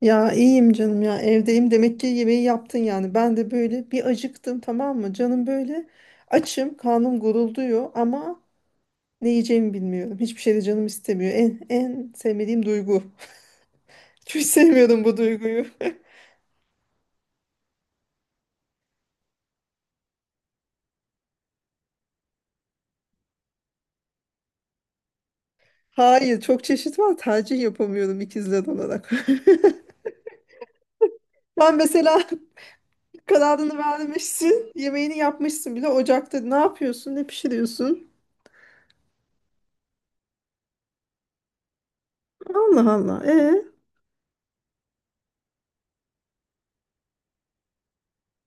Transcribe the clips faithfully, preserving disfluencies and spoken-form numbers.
Ya iyiyim canım, ya evdeyim demek ki, yemeği yaptın. Yani ben de böyle bir acıktım, tamam mı canım, böyle açım, karnım gurulduyor ama ne yiyeceğimi bilmiyorum, hiçbir şey de canım istemiyor. En, en sevmediğim duygu. Hiç sevmiyorum bu duyguyu. Hayır, çok çeşit var, tercih yapamıyorum ikizler olarak. Ben mesela. Kararını vermişsin. Yemeğini yapmışsın bile. Ocakta ne yapıyorsun? Ne pişiriyorsun? Allah Allah. E.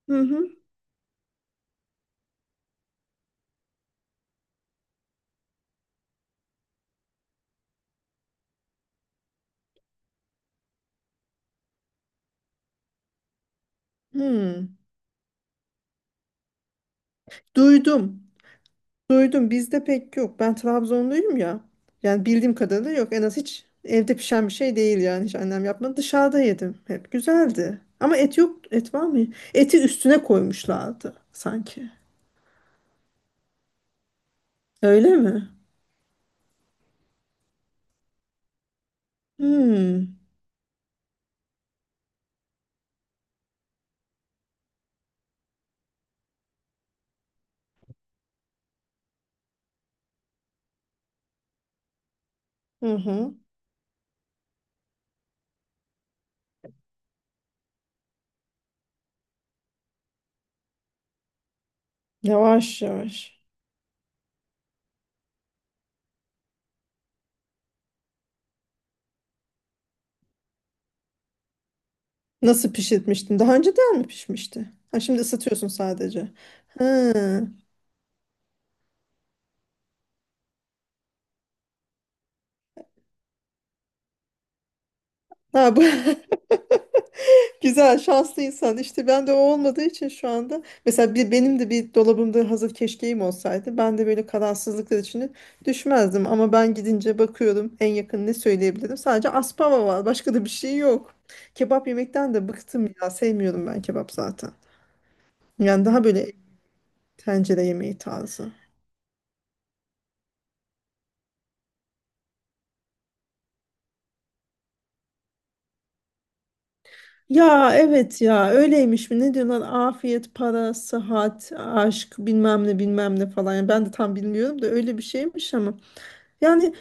Hı hı. Hmm. Duydum. Duydum. Bizde pek yok. Ben Trabzonluyum ya. Yani bildiğim kadarıyla yok. En az hiç evde pişen bir şey değil yani. Hiç annem yapmadı. Dışarıda yedim. Hep güzeldi. Ama et yok. Et var mı? Eti üstüne koymuşlardı sanki. Öyle mi? Hmm. Hı hı. Yavaş yavaş. Nasıl pişirmiştin? Daha önceden mi pişmişti? Ha, şimdi ısıtıyorsun sadece. Ha. Ha, bu güzel, şanslı insan. İşte ben de o olmadığı için şu anda, mesela bir, benim de bir dolabımda hazır keşkeğim olsaydı, ben de böyle kararsızlıklar içine düşmezdim. Ama ben gidince bakıyorum, en yakın ne söyleyebilirim, sadece aspava var, başka da bir şey yok. Kebap yemekten de bıktım ya, sevmiyorum ben kebap zaten. Yani daha böyle tencere yemeği tarzı. Ya evet, ya öyleymiş mi ne diyorlar, afiyet, para, sıhhat, aşk, bilmem ne, bilmem ne falan. Yani ben de tam bilmiyorum da öyle bir şeymiş ama. Yani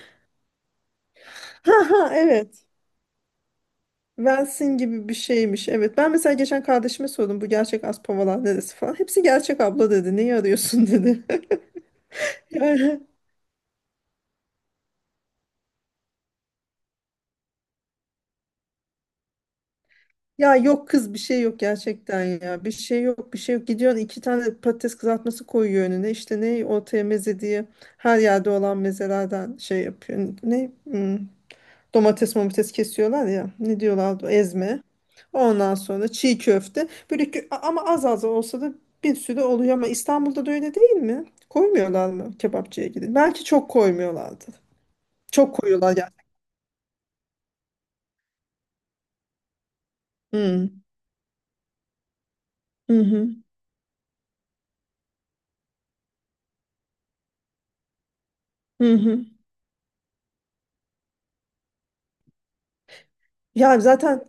ha ha, evet, versin gibi bir şeymiş, evet. Ben mesela geçen kardeşime sordum, bu gerçek Aspavalar neresi falan, hepsi gerçek abla dedi, neyi arıyorsun dedi. Yani ya yok kız, bir şey yok gerçekten ya, bir şey yok, bir şey yok. Gidiyorsun, iki tane patates kızartması koyuyor önüne, işte ne ortaya meze diye, her yerde olan mezelerden şey yapıyor. Ne? Hmm, domates momates kesiyorlar ya. Ne diyorlardı? Ezme. Ondan sonra çiğ köfte. Böyle gü- ama az az olsa da bir sürü oluyor. Ama İstanbul'da da öyle değil mi? Koymuyorlar mı, kebapçıya gidin? Belki çok koymuyorlardı. Çok koyuyorlar ya. Hmm. Hı hı. Hı hı. Ya zaten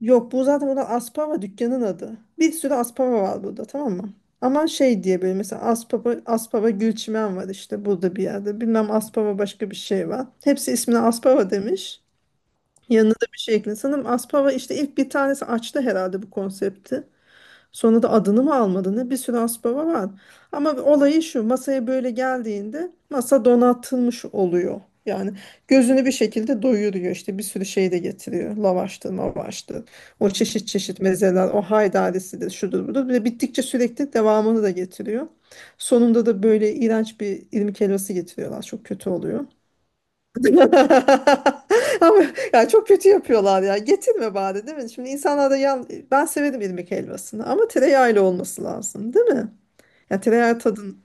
yok, bu zaten burada Aspava dükkanın adı. Bir sürü Aspava var burada, tamam mı? Ama şey diye böyle, mesela Aspava, Aspava Gülçimen var işte burada bir yerde. Bilmem Aspava, başka bir şey var. Hepsi ismini Aspava demiş. Yanına da bir şey ekle. Sanırım Aspava işte ilk bir tanesi açtı herhalde bu konsepti. Sonra da adını mı almadı ne? Bir sürü Aspava var. Ama olayı şu, masaya böyle geldiğinde masa donatılmış oluyor. Yani gözünü bir şekilde doyuruyor, işte bir sürü şey de getiriyor. Lavaştır, mavaştır. O çeşit çeşit mezeler, o haydarisidir, şudur budur. Bir de bittikçe sürekli devamını da getiriyor. Sonunda da böyle iğrenç bir irmik helvası getiriyorlar. Çok kötü oluyor. Ama ya çok kötü yapıyorlar ya. Getirme bari, değil mi? Şimdi insanlar da yan... Ben severim irmik helvasını ama tereyağıyla olması lazım, değil mi? Ya tereyağı tadın,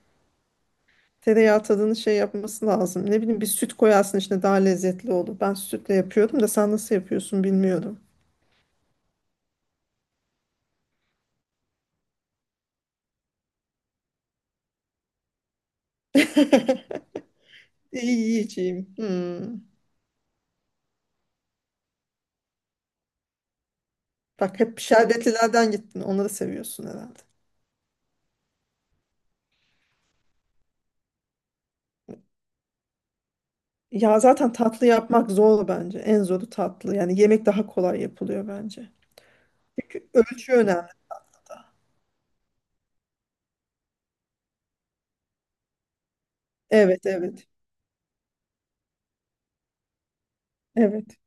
tereyağı tadını şey yapması lazım. Ne bileyim, bir süt koyarsın içine, daha lezzetli olur. Ben sütle yapıyordum da, sen nasıl yapıyorsun bilmiyorum. İyi yiyeceğim. Hmm. Bak hep şerbetlilerden gittin. Onları seviyorsun herhalde. Ya zaten tatlı yapmak zor bence. En zoru tatlı. Yani yemek daha kolay yapılıyor bence. Çünkü ölçü önemli. Evet, evet. Evet.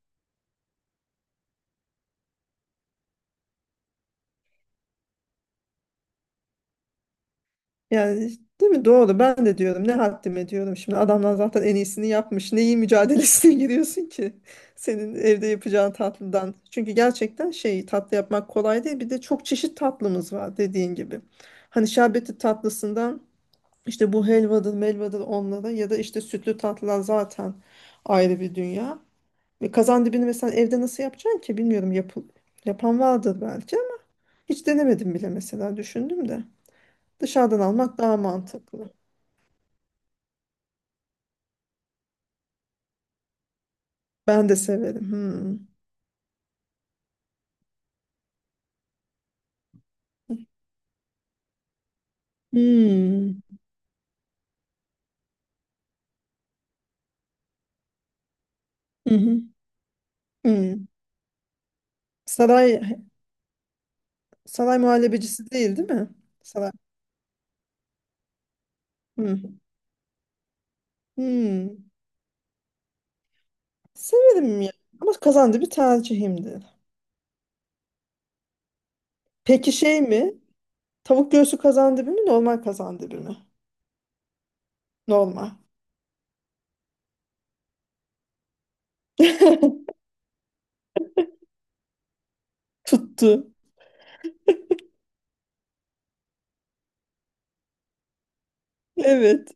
Yani değil mi? Doğru. Ben de diyorum, ne haddime diyorum. Şimdi adamlar zaten en iyisini yapmış. Neyi mücadelesine giriyorsun ki? Senin evde yapacağın tatlıdan. Çünkü gerçekten şey, tatlı yapmak kolay değil. Bir de çok çeşit tatlımız var dediğin gibi. Hani şerbetli tatlısından işte bu helvadır, melvadır onlara, ya da işte sütlü tatlılar zaten ayrı bir dünya. Ve kazan dibini mesela evde nasıl yapacaksın ki? Bilmiyorum. Yapıl yapan vardır belki ama hiç denemedim bile, mesela düşündüm de. Dışarıdan almak daha mantıklı. Ben de severim. Hmm. Hmm. Hı hı. Hmm. Saray Saray muhallebecisi değil, değil mi? Saray. Hmm. Hmm. Severim ya. Ama kazandibi bir tercihimdir. Peki şey mi? Tavuk göğsü kazandibi mi? Normal kazandibi mi? Normal. Tuttu. Evet.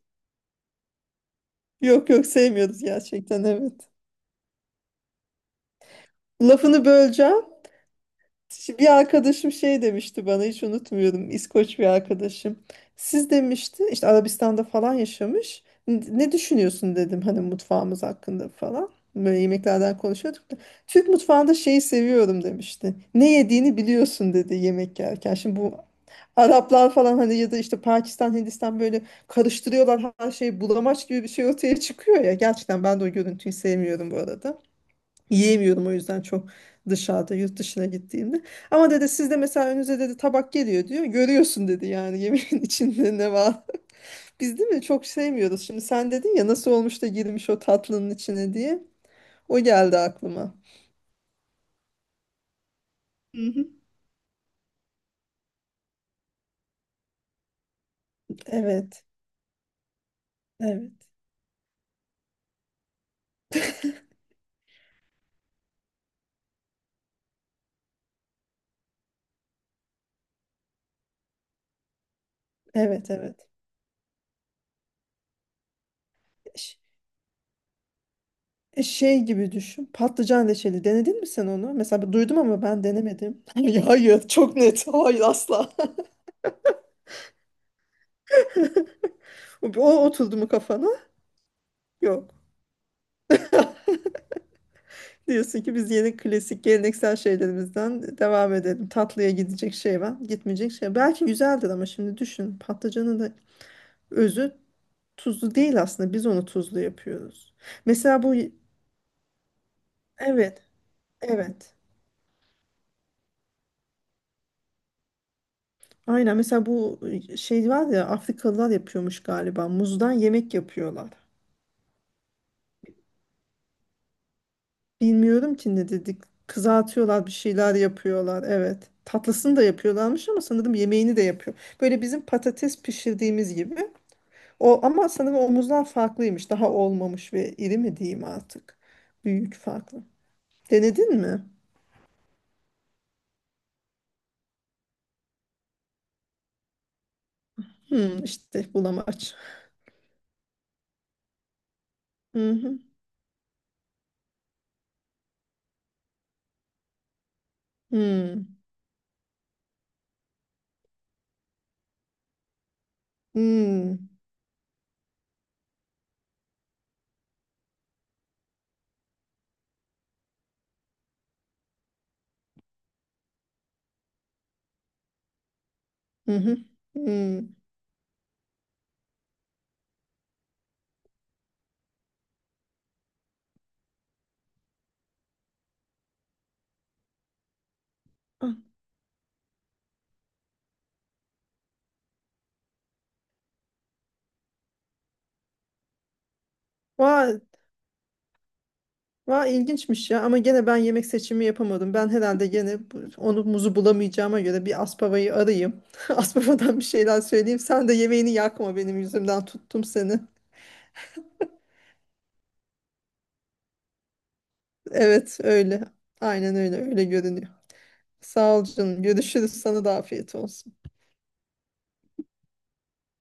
Yok yok, sevmiyoruz gerçekten, evet. Lafını böleceğim. Şi- Bir arkadaşım şey demişti bana, hiç unutmuyorum. İskoç bir arkadaşım. Siz, demişti, işte Arabistan'da falan yaşamış. "N- Ne düşünüyorsun" dedim, hani mutfağımız hakkında falan. Böyle yemeklerden konuşuyorduk da. Türk mutfağında şeyi seviyorum, demişti. Ne yediğini biliyorsun, dedi, yemek yerken. Şimdi bu Araplar falan, hani ya da işte Pakistan, Hindistan, böyle karıştırıyorlar her şeyi, bulamaç gibi bir şey ortaya çıkıyor ya. Gerçekten ben de o görüntüyü sevmiyorum bu arada. Yiyemiyorum o yüzden çok, dışarıda yurt dışına gittiğimde. Ama dedi sizde mesela önünüze, dedi, tabak geliyor, diyor. Görüyorsun dedi yani yemeğin içinde ne var. Biz değil mi, çok sevmiyoruz. Şimdi sen dedin ya, nasıl olmuş da girmiş o tatlının içine diye. O geldi aklıma. Hı hı. Evet. Evet. Evet evet. Ş- e, Şey gibi düşün. Patlıcan reçeli denedin mi sen onu? Mesela ben duydum ama ben denemedim. Ya hayır, çok net. Hayır asla. O o oturdu mu kafana? Yok. Diyorsun ki biz yeni klasik geleneksel şeylerimizden devam edelim. Tatlıya gidecek şey var, gitmeyecek şey. Belki güzeldir ama şimdi düşün. Patlıcanın da özü tuzlu değil aslında. Biz onu tuzlu yapıyoruz. Mesela bu evet, evet. Aynen, mesela bu şey var ya, Afrikalılar yapıyormuş galiba. Muzdan yemek yapıyorlar. Bilmiyorum ki ne dedik. Kızartıyorlar, bir şeyler yapıyorlar. Evet. Tatlısını da yapıyorlarmış ama sanırım yemeğini de yapıyor. Böyle bizim patates pişirdiğimiz gibi. O ama sanırım omuzlar farklıymış. Daha olmamış ve iri mi diyeyim artık. Büyük, farklı. Denedin mi? Hmm, işte bulamaç. Hı hı. Hmm. Hmm. Hı hı. Hmm. Ah, vay, vay ilginçmiş ya, ama gene ben yemek seçimi yapamadım. Ben herhalde gene bu- onu, muzu bulamayacağıma göre bir aspavayı arayayım. Aspavadan bir şeyler söyleyeyim. Sen de yemeğini yakma benim yüzümden, tuttum seni. Evet, öyle. Aynen öyle, öyle görünüyor. Sağ ol canım. Görüşürüz. Sana da afiyet olsun.